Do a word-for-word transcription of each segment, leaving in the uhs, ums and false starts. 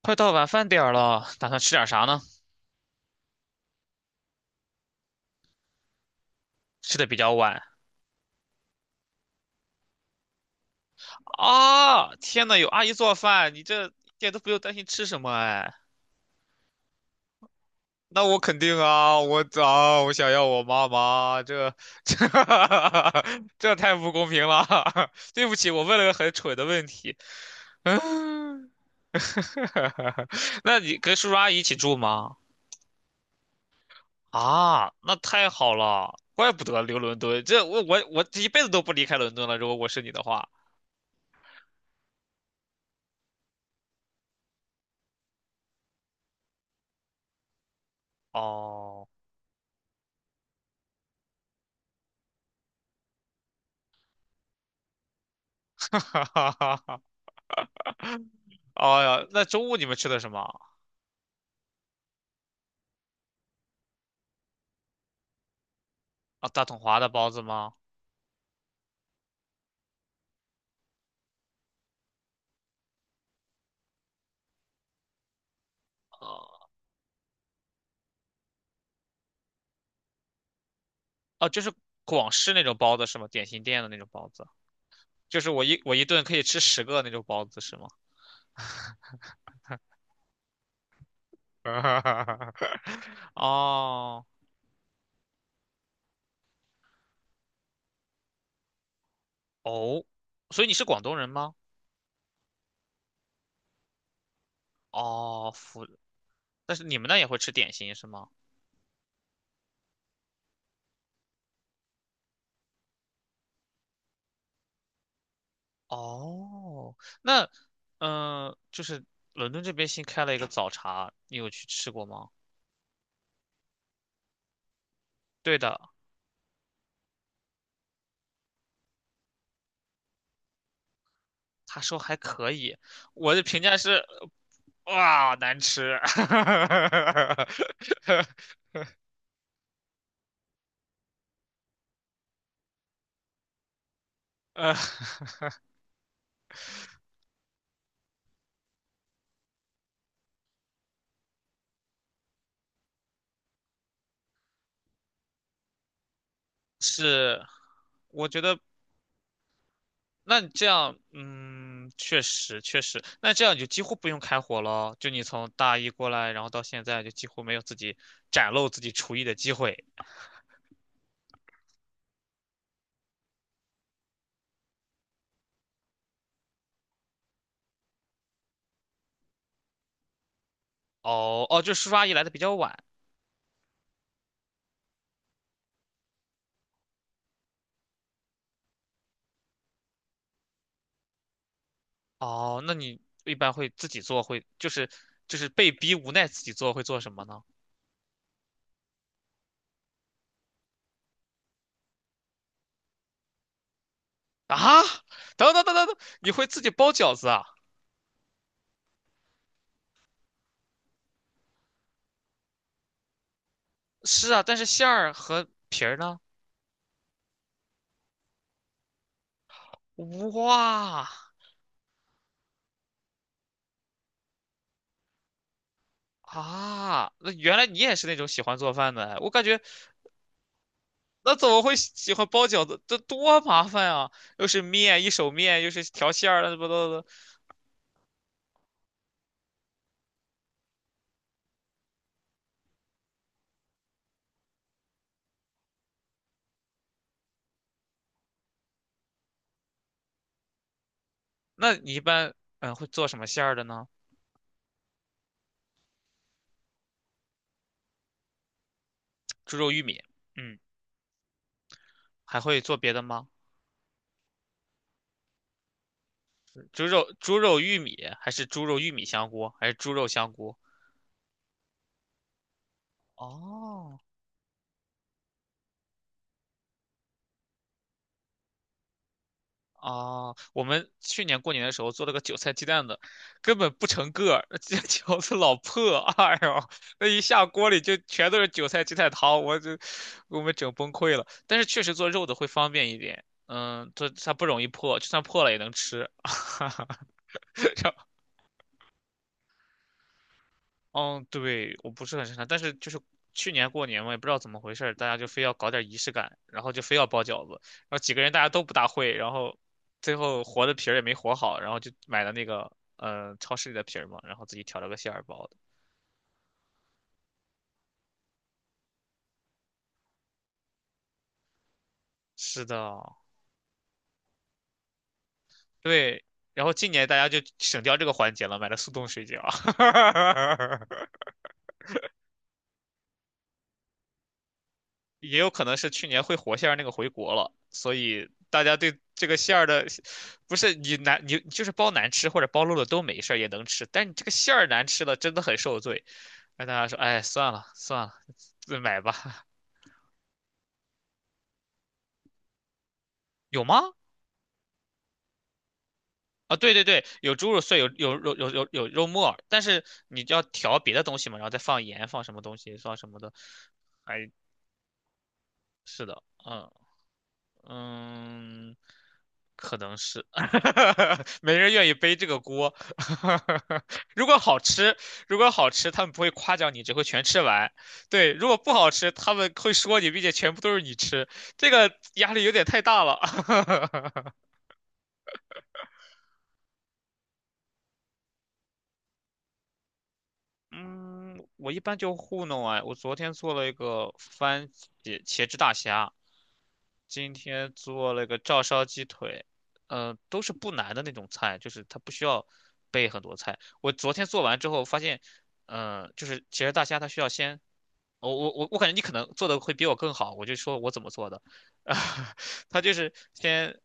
快到晚饭点儿了，打算吃点啥呢？吃的比较晚啊！天呐，有阿姨做饭，你这一点都不用担心吃什么哎。那我肯定啊，我啊，我想要我妈妈，这这 这太不公平了。对不起，我问了个很蠢的问题。嗯，那你跟叔叔阿姨一起住吗？啊，那太好了，怪不得留伦敦，这我我我这一辈子都不离开伦敦了。如果我是你的话，哦。哎呀，那中午你们吃的什么啊？大统华的包子吗？啊啊，就是广式那种包子是吗？点心店的那种包子，就是我一我一顿可以吃十个那种包子是吗？哦哦，所以你是广东人吗？哦，福，但是你们那也会吃点心是吗？哦，那嗯、呃就是伦敦这边新开了一个早茶，你有去吃过吗？对的，他说还可以，我的评价是，哇，难吃，呃，是，我觉得那你这样，嗯，确实确实，那这样你就几乎不用开火了，就你从大一过来，然后到现在就几乎没有自己展露自己厨艺的机会。哦哦，就叔叔阿姨来的比较晚。哦，那你一般会自己做，会就是就是被逼无奈自己做，会做什么呢？啊，等等等等等，你会自己包饺子啊？是啊，但是馅儿和皮儿呢？哇啊，那原来你也是那种喜欢做饭的哎我感觉那怎么会喜喜欢包饺子？这多麻烦啊！又是面，一手面，又是调馅儿，乱七八糟的。那你一般嗯会做什么馅儿的呢？猪肉玉米，嗯，还会做别的吗？猪肉猪肉玉米，还是猪肉玉米香菇，还是猪肉香菇？哦，啊，我们去年过年的时候做了个韭菜鸡蛋的，根本不成个儿，那鸡蛋饺子老破，哎呦，那一下锅里就全都是韭菜鸡蛋汤，我就给我们整崩溃了。但是确实做肉的会方便一点，嗯，做它不容易破，就算破了也能吃。嗯，对，我不是很擅长，但是就是去年过年嘛，也不知道怎么回事儿，大家就非要搞点仪式感，然后就非要包饺子，然后几个人大家都不大会，然后最后和的皮儿也没和好，然后就买了那个嗯，超市里的皮儿嘛，然后自己调了个馅儿包的。是的，对，然后今年大家就省掉这个环节了，买了速冻水饺。也有可能是去年会火馅儿那个回国了，所以大家对这个馅儿的，不是你难你就是包难吃或者包漏了都没事儿也能吃，但你这个馅儿难吃了真的很受罪。那大家说，哎，算了算了，自买吧。有吗？啊，对对对，有猪肉碎，有有肉有有有肉末儿但是你要调别的东西嘛，然后再放盐，放什么东西，放什么的。哎，是的，嗯，嗯，可能是，没人愿意背这个锅。如果好吃，如果好吃，他们不会夸奖你，只会全吃完。对，如果不好吃，他们会说你，并且全部都是你吃，这个压力有点太大了。嗯，我一般就糊弄啊。我昨天做了一个番茄茄汁大虾，今天做了个照烧鸡腿，嗯、都是不难的那种菜，就是它不需要备很多菜。我昨天做完之后发现，嗯、就是其实大虾它需要先，我我我我感觉你可能做的会比我更好，我就说我怎么做的，啊，它就是先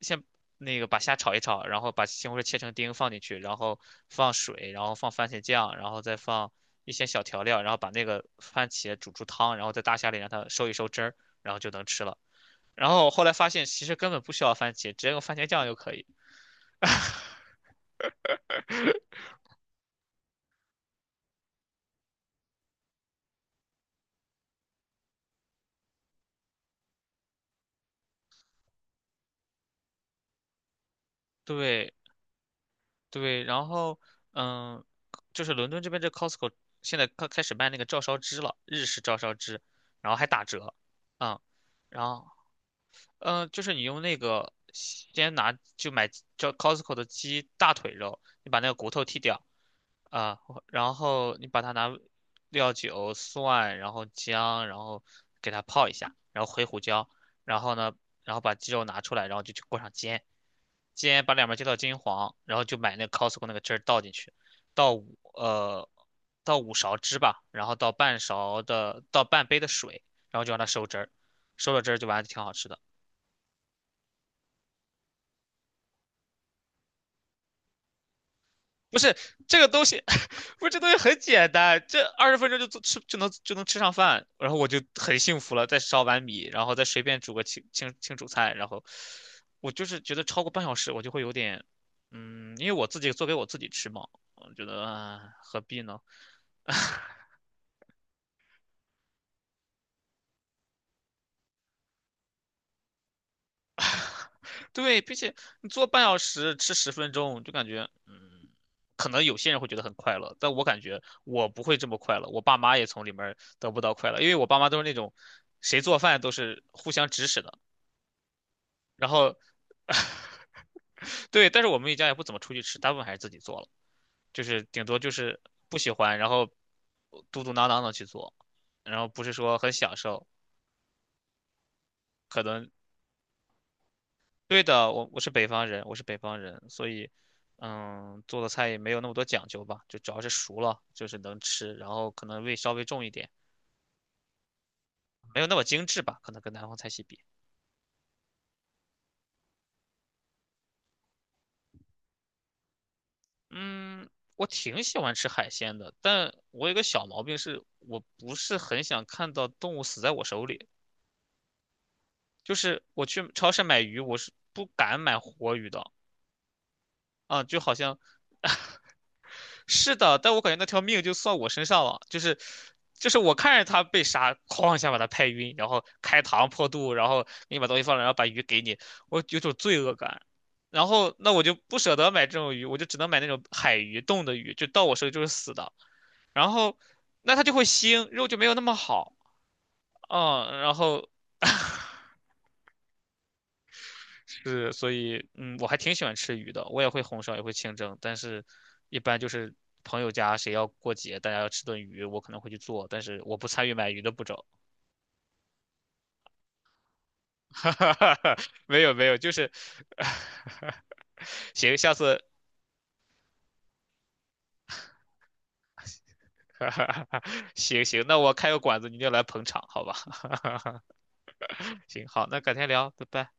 先那个把虾炒一炒，然后把西红柿切成丁放进去，然后放水，然后放番茄酱，然后再放一些小调料，然后把那个番茄煮出汤，然后在大虾里让它收一收汁儿，然后就能吃了。然后后来发现其实根本不需要番茄，直接用番茄酱就可以。对对，然后嗯，就是伦敦这边这 Costco 现在开开始卖那个照烧汁了，日式照烧汁，然后还打折，嗯，然后嗯，呃就是你用那个先拿就买叫 Costco 的鸡大腿肉，你把那个骨头剔掉，啊，然后你把它拿料酒、蒜，然后姜，然后给它泡一下，然后回胡椒，然后呢，然后把鸡肉拿出来，然后就去锅上煎，煎把两边煎到金黄，然后就买那个 Costco 那个汁儿倒进去，倒五呃倒五勺汁吧，然后倒半勺的倒半杯的水，然后就让它收汁儿，收了汁儿就完了，就挺好吃的。不是这个东西，不是这东西很简单，这二十分钟就做吃就能就能吃上饭，然后我就很幸福了。再烧碗米，然后再随便煮个清清清煮菜，然后我就是觉得超过半小时我就会有点，嗯，因为我自己做给我自己吃嘛，我觉得、唉何必呢？对，并且你做半小时，吃十分钟，就感觉，嗯，可能有些人会觉得很快乐，但我感觉我不会这么快乐，我爸妈也从里面儿得不到快乐，因为我爸妈都是那种，谁做饭都是互相指使的，然后，对，但是我们一家也不怎么出去吃，大部分还是自己做了，就是顶多就是不喜欢，然后嘟嘟囔囔的去做，然后不是说很享受，可能对的，我我是北方人，我是北方人，所以，嗯，做的菜也没有那么多讲究吧，就主要是熟了，就是能吃，然后可能味稍微重一点，没有那么精致吧，可能跟南方菜系比。嗯，我挺喜欢吃海鲜的，但我有个小毛病是，我不是很想看到动物死在我手里，就是我去超市买鱼，我是不敢买活鱼的。啊，就好像 是的，但我感觉那条命就算我身上了，就是就是我看着他被杀，哐一下把他拍晕，然后开膛破肚，然后给你把东西放了，然后把鱼给你，我有种罪恶感。然后那我就不舍得买这种鱼，我就只能买那种海鱼、冻的鱼，就到我手里就是死的。然后那它就会腥，肉就没有那么好，嗯，然后 是，所以嗯，我还挺喜欢吃鱼的，我也会红烧，也会清蒸，但是一般就是朋友家谁要过节，大家要吃顿鱼，我可能会去做，但是我不参与买鱼的步骤。没有没有，就是 行，下次 行行，那我开个馆子，你就来捧场，好吧？行，好，那改天聊，拜拜。